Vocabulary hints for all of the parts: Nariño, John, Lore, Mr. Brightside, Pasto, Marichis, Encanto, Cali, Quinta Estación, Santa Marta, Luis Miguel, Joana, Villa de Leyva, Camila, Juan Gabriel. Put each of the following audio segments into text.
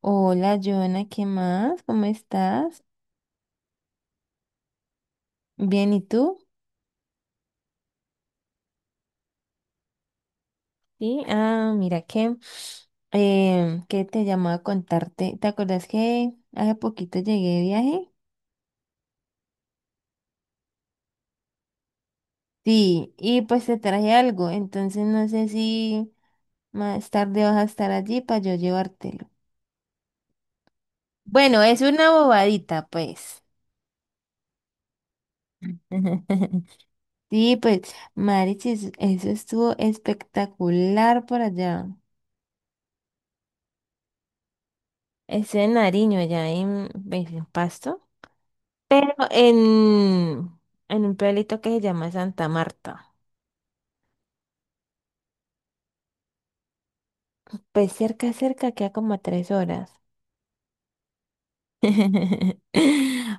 Hola, Joana, ¿qué más? ¿Cómo estás? Bien, ¿y tú? Sí, ah, mira que te llamaba a contarte. ¿Te acuerdas que hace poquito llegué de viaje? Sí, y pues te traje algo, entonces no sé si más tarde vas a estar allí para yo llevártelo. Bueno, es una bobadita, pues. Sí, pues, Marichis, eso estuvo espectacular por allá. Eso en Nariño, allá en Pasto. Pero en, en un pueblito que se llama Santa Marta. Pues cerca, cerca, queda como a tres horas.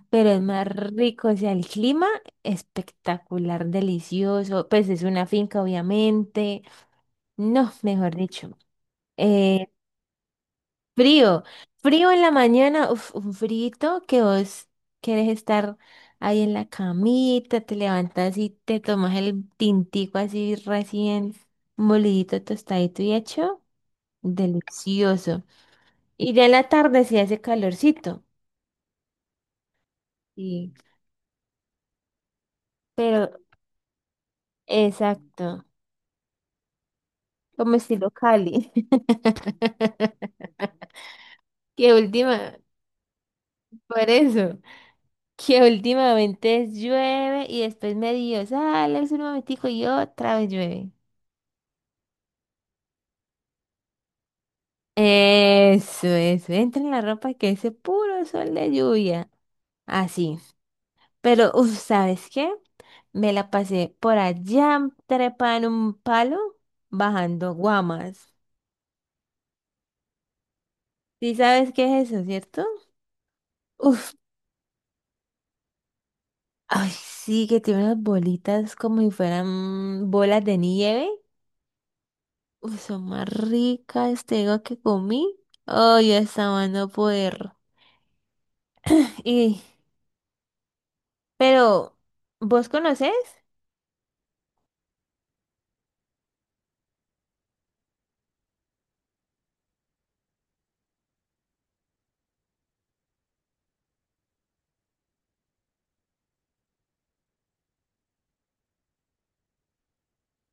Pero es más rico, o sea, el clima espectacular, delicioso. Pues es una finca, obviamente. No, mejor dicho. eh, Frío, frío en la mañana, uf, un frito que vos quieres estar ahí en la camita, te levantas y te tomas el tintico así recién molidito, tostadito y hecho, delicioso. Y ya en la tarde sí hace calorcito. Sí, pero exacto, como estilo Cali. Qué última, por eso. Que últimamente llueve y después medio sale el sol un momentico y otra vez llueve. Eso, entra en la ropa que ese puro sol de lluvia. Así. Pero, uf, ¿sabes qué? Me la pasé por allá trepada en un palo bajando guamas. ¿Sí sabes qué es eso, cierto? Uf, ay, sí, que tiene unas bolitas como si fueran bolas de nieve. Uy, son más ricas, te digo que comí. Oh, yo estaba no poder. Y, pero, ¿vos conocés?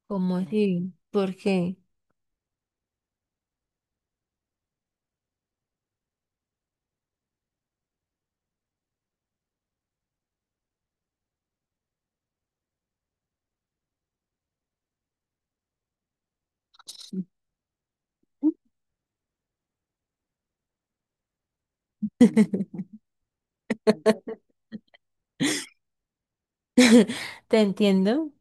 ¿Cómo así? ¿Por qué? Te entiendo.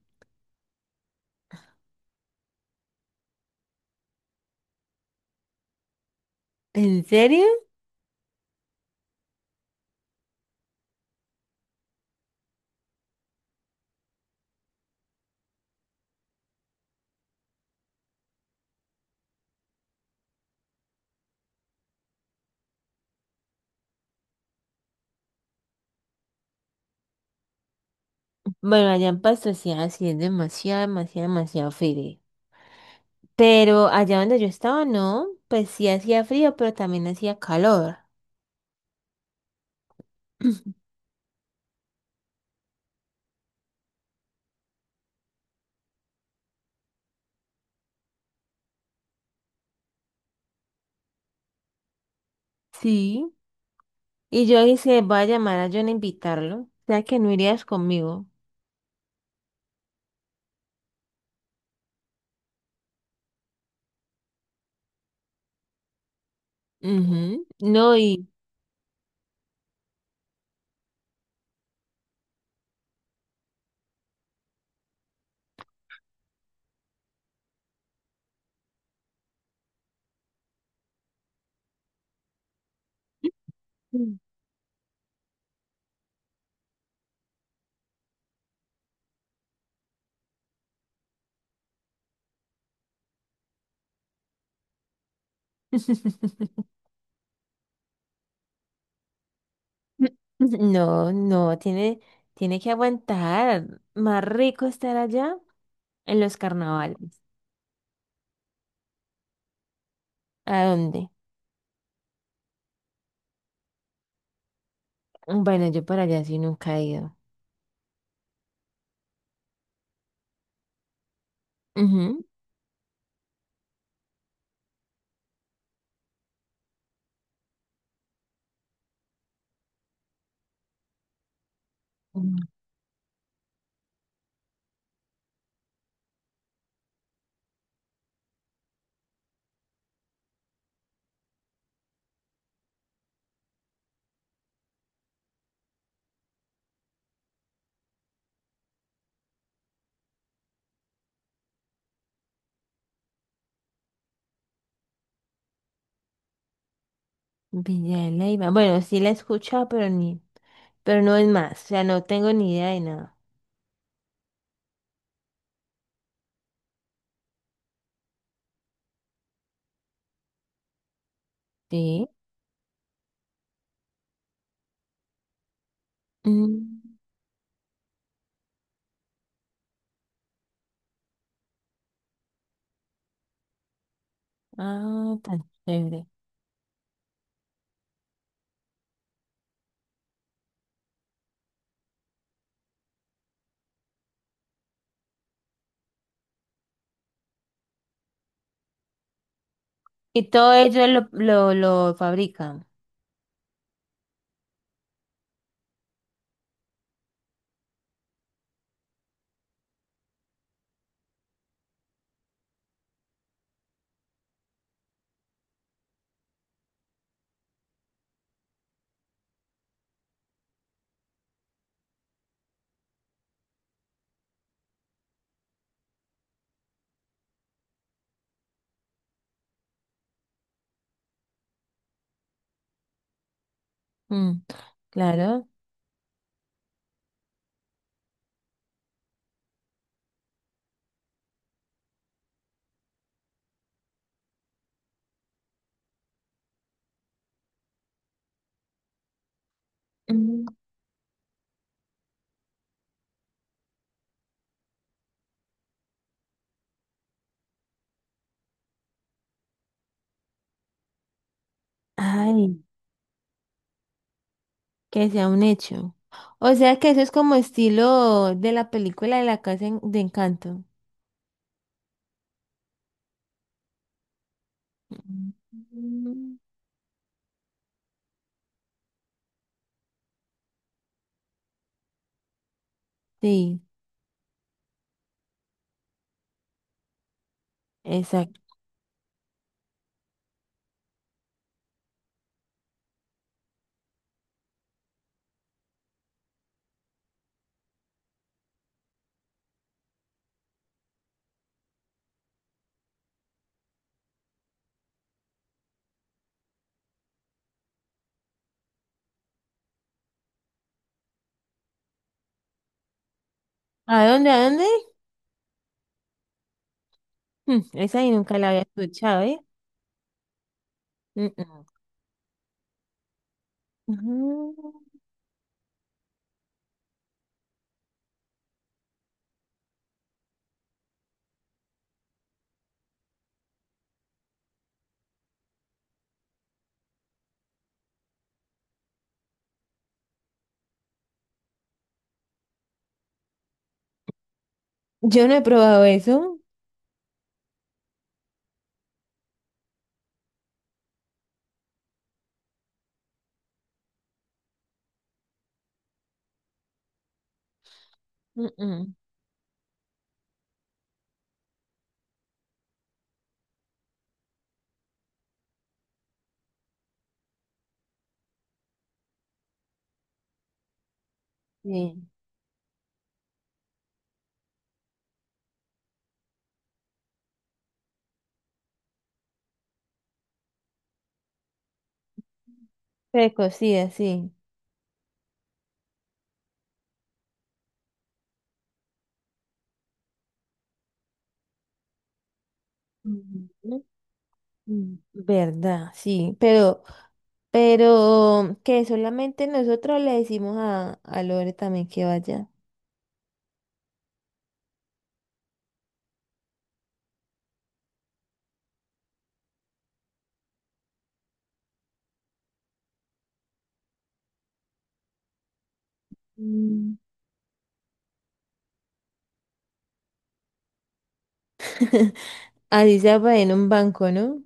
¿En serio? Bueno, allá en Pastosia sí es demasiado, demasiado, demasiado frío. Pero allá donde yo estaba, no, pues sí hacía frío, pero también hacía calor. Sí. Y yo dije, voy a llamar a John a invitarlo. O sea que no irías conmigo. Ujú. No, y Mm. No, no, tiene, tiene que aguantar. Más rico estar allá en los carnavales. ¿A dónde? Bueno, yo para allá sí nunca he ido. Ujú. Mm, Villa de Leyva. Bueno, sí la he escuchado, pero ni, pero no es más. O sea, no tengo ni idea de nada. Sí. Mm. Ah, tan chévere. Y todo ello lo fabrican. Mm. Claro. Mm. Ay. Que sea un hecho. O sea que eso es como estilo de la película de la casa en- de Encanto. Mm. Sí, exacto. ¿A dónde? ¿A dónde? Mm, esa ahí nunca la había escuchado, ¿eh? Mm, mm. Ujú. Yo no he probado eso. Mm, mm. Sí. Precocida, sí. Ujú. Mm. Verdad, sí. Pero que solamente nosotros le decimos a Lore también que vaya. Así sea para en un banco, ¿no?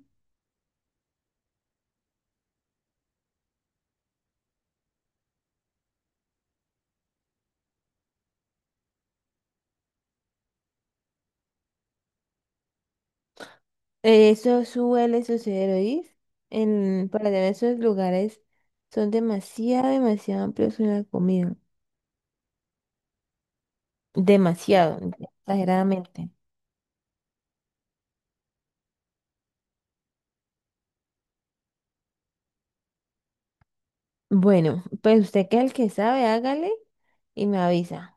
Eso suele suceder, ¿oís? En, para tener esos lugares son demasiado, demasiado amplios en la comida. Demasiado, exageradamente. Bueno, pues usted que es el que sabe, hágale y me avisa.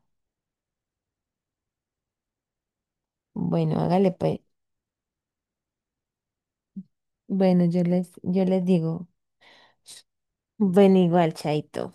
Bueno, hágale pues. Bueno, yo les digo. Bueno, igual, chaito.